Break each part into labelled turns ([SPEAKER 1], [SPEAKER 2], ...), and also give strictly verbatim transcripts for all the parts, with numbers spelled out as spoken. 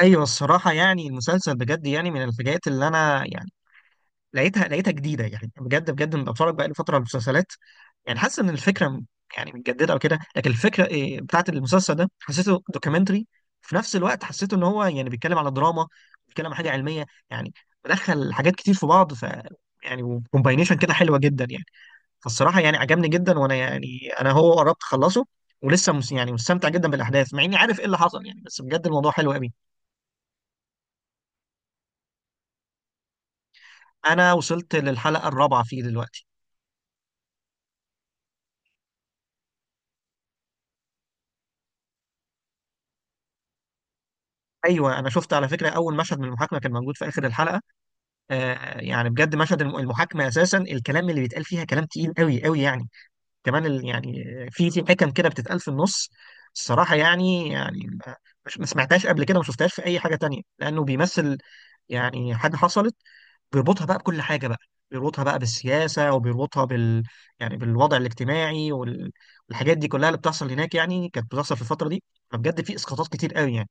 [SPEAKER 1] ايوه، الصراحه يعني المسلسل بجد يعني من الحاجات اللي انا يعني لقيتها لقيتها جديده، يعني بجد بجد انا بتفرج بقالي فتره على المسلسلات، يعني حاسس ان الفكره م- يعني متجدده او كده. لكن الفكره إيه بتاعت المسلسل ده؟ حسيته دوكيومنتري في نفس الوقت، حسيته ان هو يعني بيتكلم على دراما، بيتكلم على حاجه علميه يعني، مدخل حاجات كتير في بعض. ف يعني وكومباينيشن كده حلوه جدا يعني. فالصراحه يعني عجبني جدا، وانا يعني انا هو قربت اخلصه، ولسه مس- يعني مستمتع جدا بالاحداث مع اني عارف ايه اللي حصل يعني، بس بجد الموضوع حلو قوي. انا وصلت للحلقه الرابعه فيه دلوقتي. ايوه، انا شفت على فكره اول مشهد من المحاكمه كان موجود في اخر الحلقه. آه يعني بجد مشهد الم- المحاكمه اساسا الكلام اللي بيتقال فيها كلام تقيل قوي قوي يعني. كمان ال- يعني في في حكم كده بتتقال في النص، الصراحه يعني يعني ما- مش ما سمعتهاش قبل كده وما شفتهاش في اي حاجه تانية، لانه بيمثل يعني حاجه حصلت. بيربطها بقى بكل حاجه بقى، بيربطها بقى بالسياسه، وبيربطها بال يعني بالوضع الاجتماعي وال... والحاجات دي كلها اللي بتحصل هناك، يعني كانت بتحصل في الفتره دي. فبجد في اسقاطات كتير قوي يعني.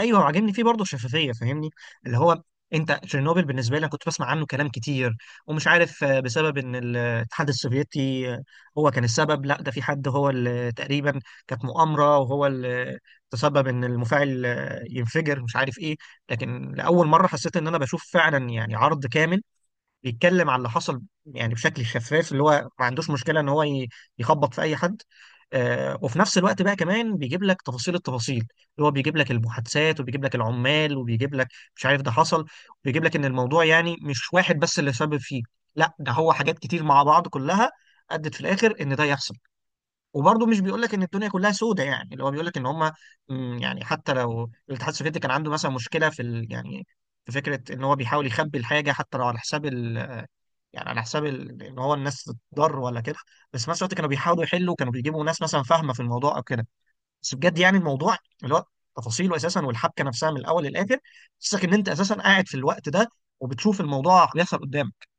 [SPEAKER 1] ايوه، وعاجبني فيه برضه الشفافيه، فاهمني؟ اللي هو انت تشيرنوبل بالنسبه لي أنا كنت بسمع عنه كلام كتير ومش عارف، آه، بسبب ان ال- الاتحاد السوفيتي آه، هو كان السبب، لا ده في حد هو اللي تقريبا كانت مؤامره وهو اللي تسبب ان المفاعل آه، ينفجر، مش عارف ايه. لكن لاول مره حسيت ان انا بشوف فعلا يعني عرض كامل بيتكلم على اللي حصل يعني بشكل شفاف، اللي هو ما عندوش مشكله ان هو ي- يخبط في اي حد. آه، وفي نفس الوقت بقى كمان بيجيب لك تفاصيل التفاصيل، اللي هو بيجيب لك المحادثات، وبيجيب لك العمال، وبيجيب لك مش عارف ده حصل، وبيجيب لك ان الموضوع يعني مش واحد بس اللي سبب فيه، لا ده هو حاجات كتير مع بعض كلها ادت في الاخر ان ده يحصل. وبرضه مش بيقول لك ان الدنيا كلها سودة يعني، اللي هو بيقول لك ان هم يعني حتى لو الاتحاد السوفيتي كان عنده مثلا مشكله في ال يعني في فكره ان هو بيحاول يخبي الحاجه حتى لو على حساب يعني على حساب ال- ان هو الناس تتضر ولا كده، بس في نفس الوقت كانوا بيحاولوا يحلوا، كانوا بيجيبوا ناس مثلا فاهمه في الموضوع او كده. بس بجد يعني الموضوع اللي هو تفاصيله اساسا والحبكه نفسها من الاول للاخر تحسسك ان انت اساسا قاعد في الوقت ده وبتشوف الموضوع بيحصل قدامك.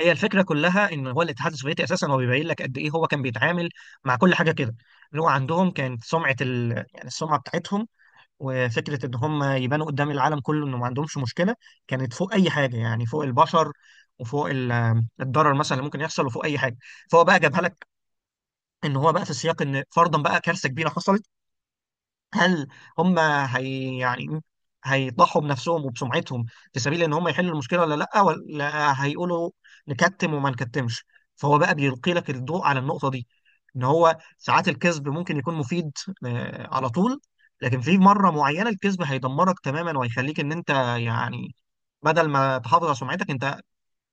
[SPEAKER 1] هي الفكره كلها ان هو الاتحاد السوفيتي اساسا هو بيبين لك قد ايه هو كان بيتعامل مع كل حاجه كده، اللي هو عندهم كانت سمعه ال... يعني السمعه بتاعتهم وفكره ان هم يبانوا قدام العالم كله انه ما عندهمش مشكله كانت فوق اي حاجه، يعني فوق البشر وفوق ال- الضرر مثلا اللي ممكن يحصل وفوق اي حاجه. فهو بقى جابها لك ان هو بقى في السياق ان فرضا بقى كارثه كبيره حصلت، هل هم هي يعني هيضحوا بنفسهم وبسمعتهم في سبيل ان هم يحلوا المشكله ولا لا، ولا هيقولوا نكتم وما نكتمش؟ فهو بقى بيلقي لك الضوء على النقطه دي، ان هو ساعات الكذب ممكن يكون مفيد، آه، على طول، لكن في مره معينه الكذب هيدمرك تماما وهيخليك ان انت يعني بدل ما تحافظ على سمعتك انت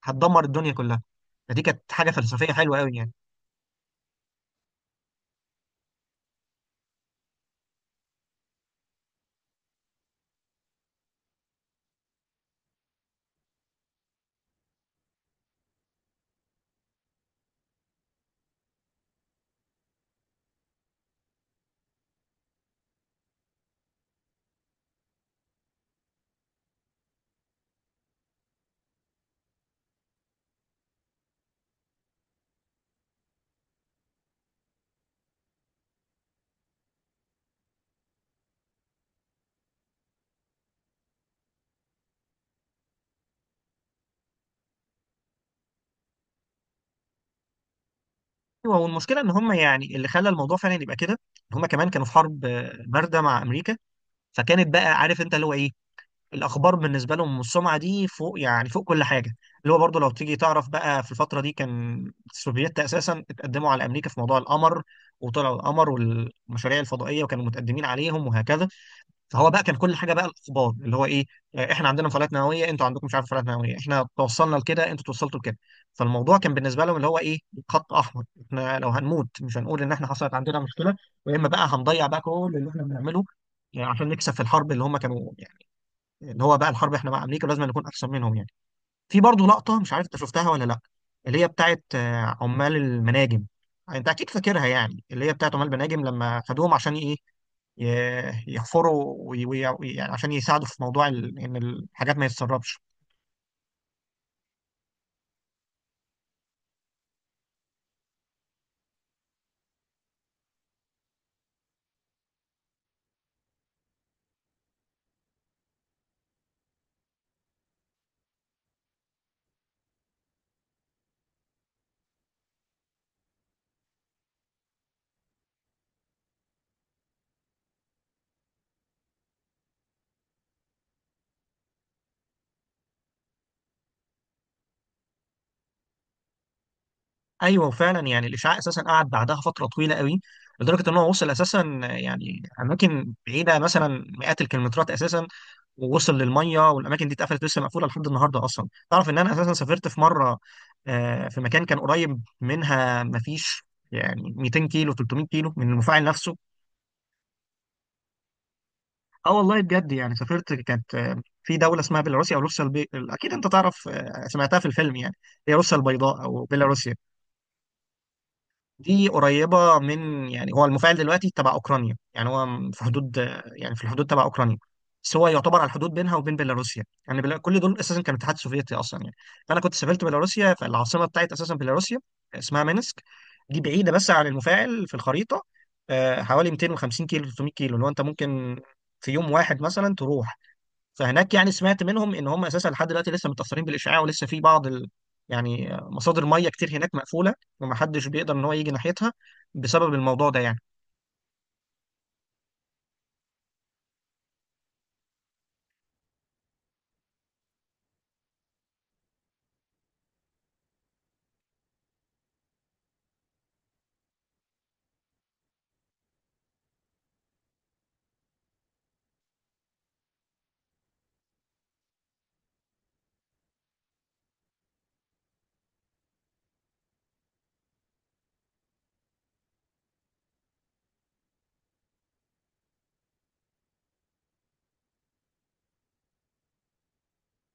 [SPEAKER 1] هتدمر الدنيا كلها. فدي كانت حاجه فلسفيه حلوه قوي يعني. ايوه، والمشكله ان هم يعني اللي خلى الموضوع فعلا يبقى كده، هم كمان كانوا في حرب آه، بارده مع امريكا، فكانت بقى عارف انت اللي هو ايه، الاخبار بالنسبه لهم والسمعه دي فوق يعني فوق كل حاجه. اللي هو برضو لو تيجي تعرف بقى في الفتره دي كان السوفييت اساسا اتقدموا على امريكا في موضوع القمر، وطلعوا القمر والمشاريع الفضائيه وكانوا متقدمين عليهم وهكذا. فهو بقى كان كل حاجه بقى الاخبار اللي هو ايه، آه، احنا عندنا مفاعلات نوويه، انتوا عندكم مش عارف مفاعلات نوويه، احنا توصلنا لكده انتوا توصلتوا لكده. فالموضوع كان بالنسبه لهم اللي هو ايه، خط احمر، احنا لو هنموت مش هنقول ان احنا حصلت عندنا مشكله، يا اما بقى هنضيع بقى كل اللي احنا بنعمله، يعني عشان نكسب في الحرب اللي هم كانوا يعني، اللي هو بقى الحرب احنا مع امريكا لازم نكون احسن منهم يعني. في برضه لقطه مش عارف انت شفتها ولا لا، اللي هي بتاعت آه، عمال المناجم، انت اكيد فاكرها يعني، اللي هي بتاعت عمال المناجم لما خدوهم عشان ايه، ي- يحفروا وي- وي- يعني عشان يساعدوا في موضوع ال- ان الحاجات ما يتسربش. ايوه فعلا يعني الاشعاع اساسا قعد بعدها فتره طويله قوي، لدرجه ان هو وصل اساسا يعني اماكن بعيده مثلا مئات الكيلومترات اساسا، ووصل للميه، والاماكن دي اتقفلت، لسه مقفوله لحد النهارده اصلا. تعرف ان انا اساسا سافرت في مره، آه، في مكان كان قريب منها، مفيش يعني مئتين كيلو ثلاثمئة كيلو من المفاعل نفسه. اه والله بجد يعني سافرت، كانت آه، في دولة اسمها بيلاروسيا او روسيا البي... اكيد انت تعرف آه، سمعتها في الفيلم يعني، هي روسيا البيضاء او بيلاروسيا. دي قريبة من يعني، هو المفاعل دلوقتي تبع اوكرانيا يعني، هو في حدود آه، يعني في الحدود تبع اوكرانيا، بس هو يعتبر على الحدود بينها وبين بيلاروسيا يعني. بلا... كل دول اساسا كان الاتحاد السوفيتي اصلا يعني. فانا كنت سافرت بيلاروسيا، فالعاصمة بتاعت اساسا بيلاروسيا اسمها مينسك، دي بعيدة بس عن المفاعل في الخريطة آه، حوالي مئتين وخمسين كيلو ثلاثمئة كيلو، اللي هو انت ممكن في يوم واحد مثلا تروح. فهناك يعني سمعت منهم ان هم اساسا لحد دلوقتي لسه متاثرين بالاشعاع، ولسه في بعض ال... يعني مصادر ميه كتير هناك مقفوله، ومحدش بيقدر ان هو يجي ناحيتها بسبب الموضوع ده يعني.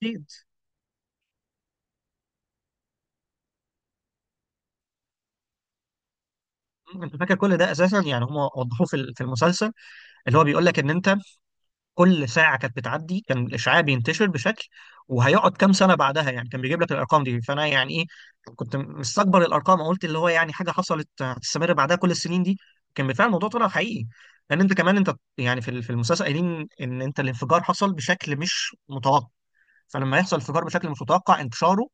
[SPEAKER 1] اكيد انت فاكر كل ده، اساسا يعني هم وضحوه في ال- في المسلسل، اللي هو بيقول لك ان انت كل ساعه كانت بتعدي كان الاشعاع بينتشر بشكل وهيقعد كام سنه بعدها يعني، كان بيجيب لك الارقام دي، فانا يعني ايه كنت مستكبر الارقام، قلت اللي هو يعني حاجه حصلت هتستمر بعدها كل السنين دي؟ كان بالفعل الموضوع طلع حقيقي، لان انت كمان انت يعني في ال- في المسلسل قايلين ان انت الانفجار حصل بشكل مش متوقع، فلما يحصل انفجار بشكل مش متوقع انتشاره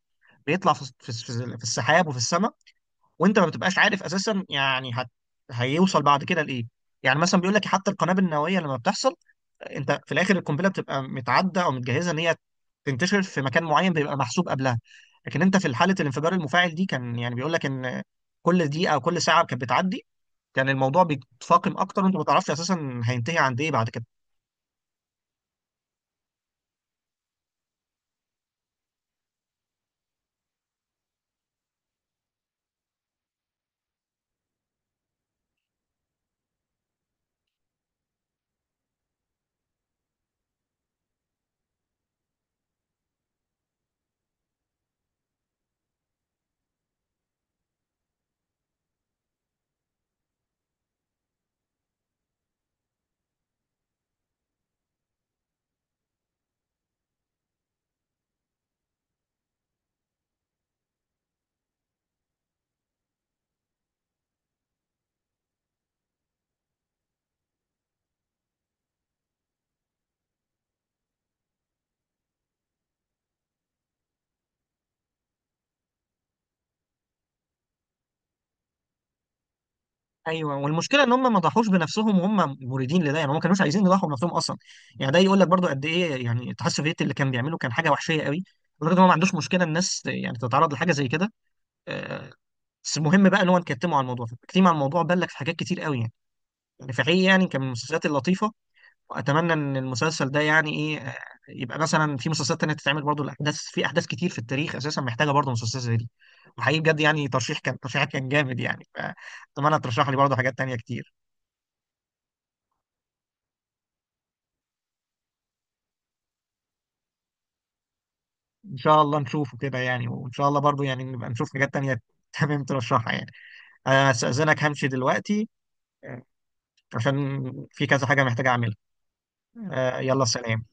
[SPEAKER 1] بيطلع في في في في السحاب وفي السماء، وانت ما بتبقاش عارف اساسا يعني هت هيوصل بعد كده لايه. يعني مثلا بيقول لك حتى القنابل النوويه لما بتحصل، انت في الاخر القنبله بتبقى متعده او متجهزه ان هي تنتشر في مكان معين بيبقى محسوب قبلها، لكن انت في حاله الانفجار المفاعل دي كان يعني بيقول لك ان كل دقيقه او كل ساعه كانت بتعدي كان الموضوع بيتفاقم اكتر، وانت ما تعرفش اساسا هينتهي عند ايه بعد كده. ايوه، والمشكله ان هم ما ضحوش بنفسهم وهم مريدين لده يعني، هم ما كانوش عايزين يضحوا بنفسهم اصلا، يعني ده يقول لك برضو قد ايه يعني الاتحاد السوفيتي اللي كان بيعمله كان حاجه وحشيه قوي لدرجه ان هو ما عندوش مشكله الناس يعني تتعرض لحاجه زي كده، آه، بس المهم بقى ان هو نكتمه على الموضوع. فالتكتيم على الموضوع بان لك في حاجات كتير قوي يعني نفاعية، يعني كان من المسلسلات اللطيفة. وأتمنى إن المسلسل ده يعني إيه، آه، يبقى مثلا في مسلسلات تانية تتعمل برضو الأحداث، في أحداث كتير في التاريخ أساسا محتاجة برضو مسلسلات زي دي. وحقيقي بجد يعني ترشيح كان ترشيحك كان جامد يعني، فأتمنى ترشح لي برضو حاجات تانية كتير. إن شاء الله نشوفه كده يعني، وإن شاء الله برضو يعني نبقى نشوف حاجات تانية تمام ترشحها يعني. أنا هستأذنك همشي دلوقتي، آه، عشان في كذا حاجة محتاج أعملها. آه، يلا سلام.